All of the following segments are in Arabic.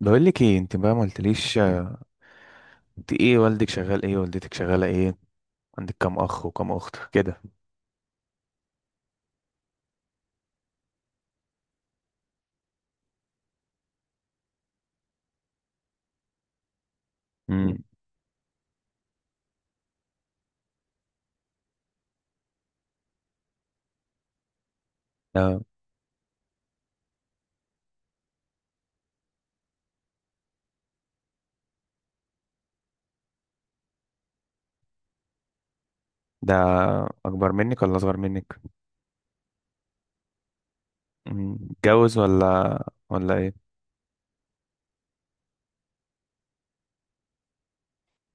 بقول لك ايه؟ انت بقى ما قلتليش. انت ايه، والدك شغال ايه، والدتك شغاله ايه، عندك كام اخ وكام اخت كده؟ امم. ده ده اكبر منك ولا اصغر منك؟ متجوز ولا ايه؟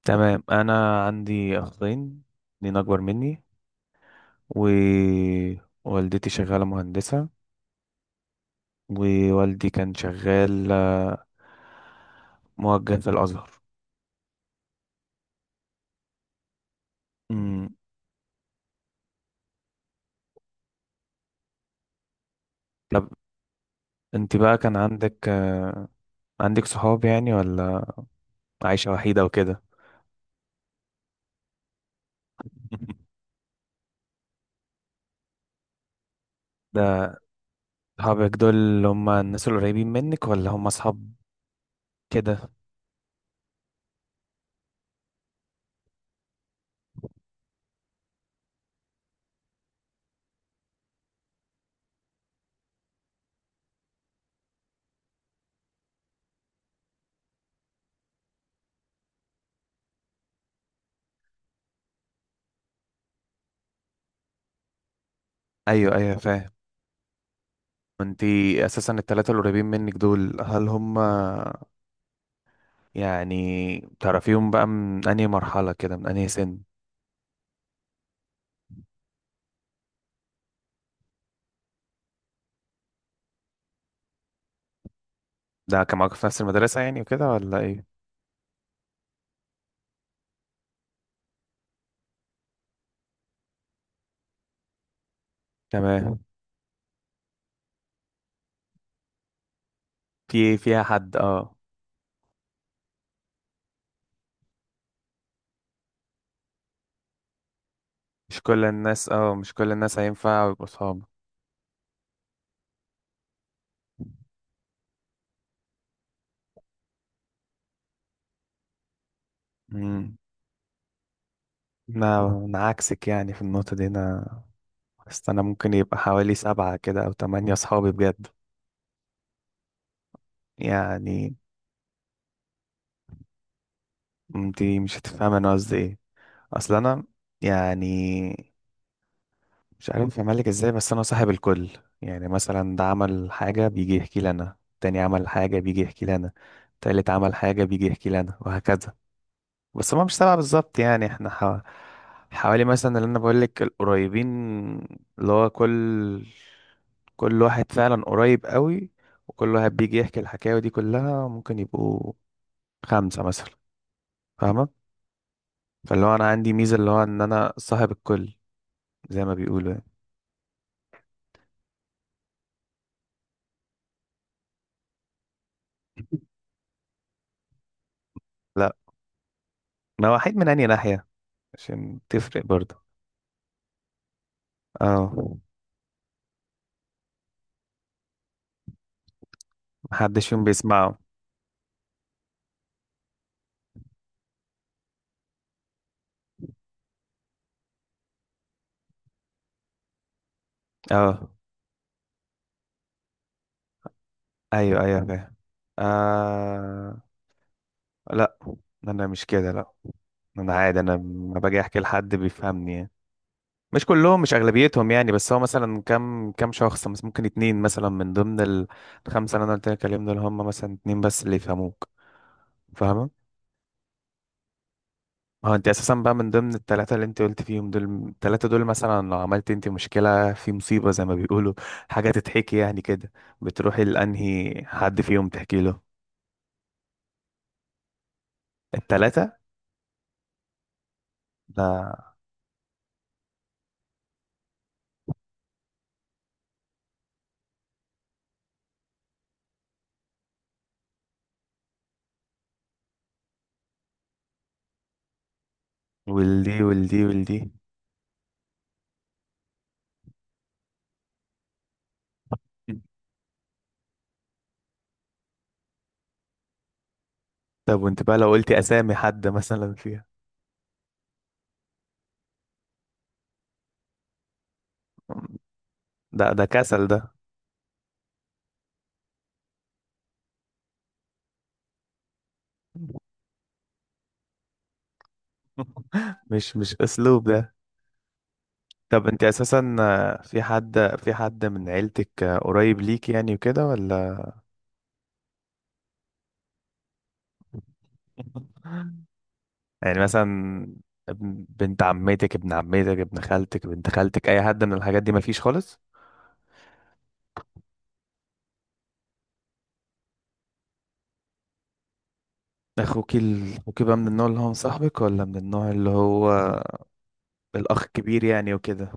تمام. انا عندي اخين اتنين اكبر مني، ووالدتي شغاله مهندسه، ووالدي كان شغال موجه في الازهر. امم. طب، انت بقى كان عندك آه، عندك صحاب يعني، ولا عايشه وحيده وكده؟ ده صحابك دول اللي هم الناس القريبين منك، ولا هم اصحاب كده؟ ايوه، ايوه، فاهم. انتي اساسا التلاتة القريبين منك دول، هل هم يعني تعرفيهم بقى من انهي مرحلة كده، من انهي سن؟ كان معاكم في نفس المدرسة يعني وكده، ولا ايه؟ تمام. فيها حد، اه. مش كل الناس هينفع يبقوا صحاب. امم. انا عكسك يعني في النقطة دي. انا بس انا ممكن يبقى حوالي سبعة كده او تمانية صحابي بجد يعني. انت مش هتفهم انا قصدي ايه. اصل انا يعني مش عارف اعمل لك ازاي، بس انا صاحب الكل. يعني مثلا، ده عمل حاجة بيجي يحكي لي انا، تاني عمل حاجة بيجي يحكي لي انا، تالت عمل حاجة بيجي يحكي لي انا، وهكذا. بس هما مش سبعة بالظبط يعني. احنا حوالي مثلا، اللي انا بقول لك، القريبين، اللي هو كل واحد فعلا قريب قوي، وكل واحد بيجي يحكي الحكاوي دي كلها ممكن يبقوا خمسة مثلا، فاهمة؟ فاللي هو انا عندي ميزه، اللي هو ان انا صاحب الكل، زي ما بيقولوا يعني. لا. انا وحيد من انهي ناحيه؟ عشان تفرق برضه. اه. محدش فيهم بيسمعه؟ اه، ايوه، ايوه، فاهم. آه، لا، انا مش كده، لا. انا عادي. انا لما باجي احكي لحد بيفهمني يعني. مش كلهم، مش اغلبيتهم يعني، بس هو مثلا كم شخص مثلا ممكن اتنين مثلا من ضمن الخمسه اللي انا قلت لك عليهم، دول هم مثلا اتنين بس اللي يفهموك. فاهمه؟ ما هو انت اساسا بقى من ضمن الثلاثه اللي انت قلت فيهم دول. الثلاثه دول مثلا لو عملت انت مشكله، في مصيبه زي ما بيقولوا، حاجه تتحكي يعني كده، بتروحي لانهي حد فيهم تحكي له؟ الثلاثه؟ لا، والدي، والدي، والدي. طب، وانت بقى لو قلتي اسامي حد مثلا فيها؟ ده كسل ده. مش اسلوب ده. طب، انت اساسا في حد من عيلتك قريب ليك يعني، وكده، ولا؟ يعني مثلا، بنت عمتك، ابن عمتك، ابن خالتك، بنت خالتك، اي حد من الحاجات دي مفيش خالص؟ اخوكي بقى من النوع اللي هو مصاحبك، ولا من النوع اللي هو الاخ الكبير يعني وكده؟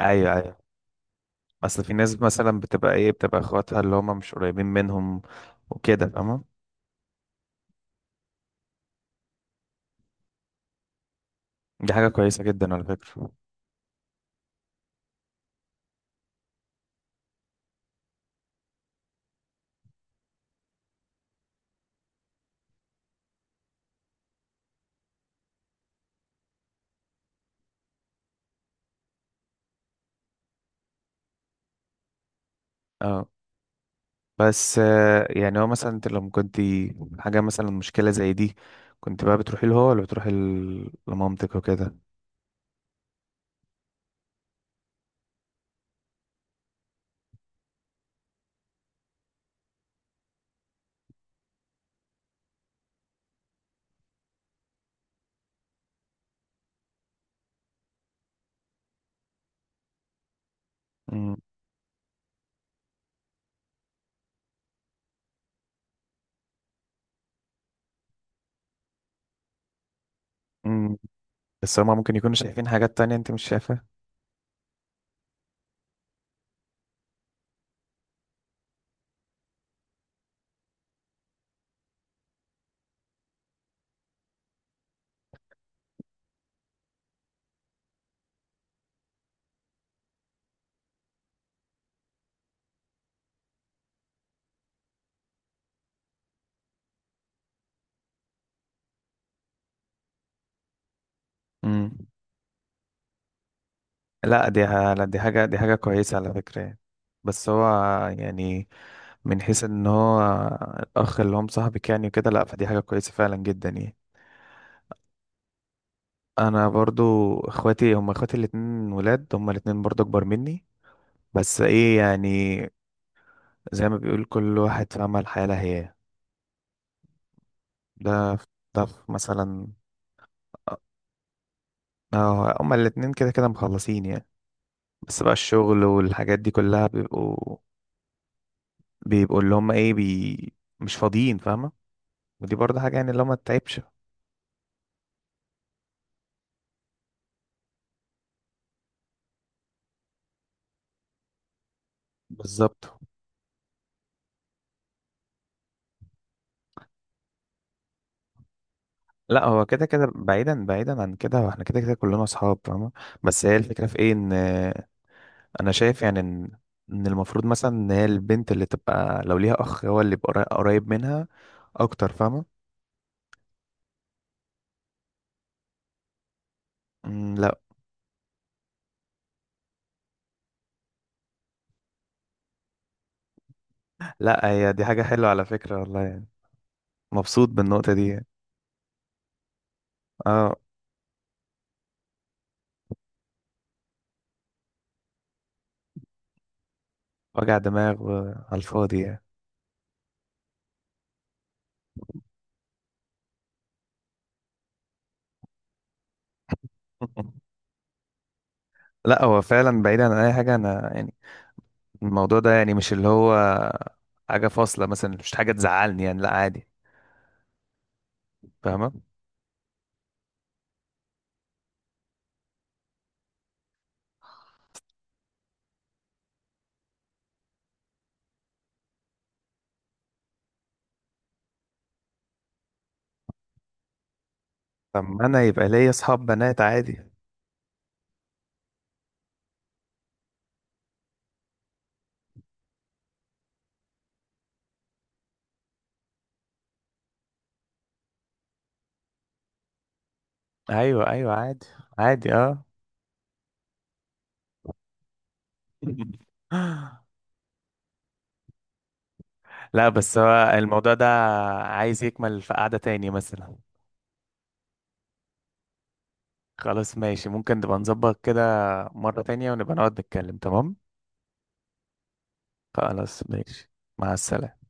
ايوه، ايوه. اصل في ناس مثلا بتبقى اخواتها اللي هم مش قريبين منهم وكده، فاهمة؟ دي حاجة كويسة جدا على فكرة. اه. بس يعني هو مثلا انت لما كنت حاجة مثلا مشكلة زي دي، كنت بقى بتروحي له هو، ولا بتروحي لمامتك وكده؟ مم. بس هما ممكن يكونوا شايفين حاجات تانية انت مش شايفها. امم. لا، لا، دي حاجة كويسة على فكرة يعني. بس هو يعني من حيث ان هو الاخ اللي هم صاحبك يعني وكده، لا، فدي حاجة كويسة فعلا جدا يعني. انا برضو اخواتي هم اخواتي الاتنين ولاد، هم الاتنين برضو اكبر مني. بس ايه يعني، زي ما بيقول كل واحد في عمل حالة هي، ده ف- ده في مثلا. اه، هما الاتنين كده كده مخلصين يعني. بس بقى الشغل والحاجات دي كلها بيبقوا اللي هم ايه بي مش فاضيين، فاهمة؟ ودي برضه حاجة يعني، اللي هو ما تتعبش. بالظبط. لا، هو كده كده بعيدا بعيدا عن كده، هو احنا كده كده كلنا اصحاب، فاهمة؟ بس هي الفكرة في ايه؟ ان انا شايف يعني ان المفروض مثلا ان هي البنت اللي تبقى لو ليها اخ، هو اللي يبقى قريب منها اكتر، فاهمة؟ مم، لا. لا، هي دي حاجة حلوة على فكرة والله يعني. مبسوط بالنقطة دي يعني. اه. وجع دماغ على الفاضي يعني. لا، هو فعلا بعيدا عن اي حاجة. انا يعني الموضوع ده يعني مش اللي هو حاجة فاصلة مثلا، مش حاجة تزعلني يعني، لا عادي، فاهمة؟ طب ما انا يبقى ليا اصحاب بنات عادي. ايوه، ايوه، عادي. عادي، اه. لا، بس هو الموضوع ده عايز يكمل في قعدة تاني مثلا. خلاص، ماشي. ممكن نبقى نظبط كده مرة تانية، ونبقى نقعد نتكلم، تمام؟ خلاص ماشي، مع السلامة.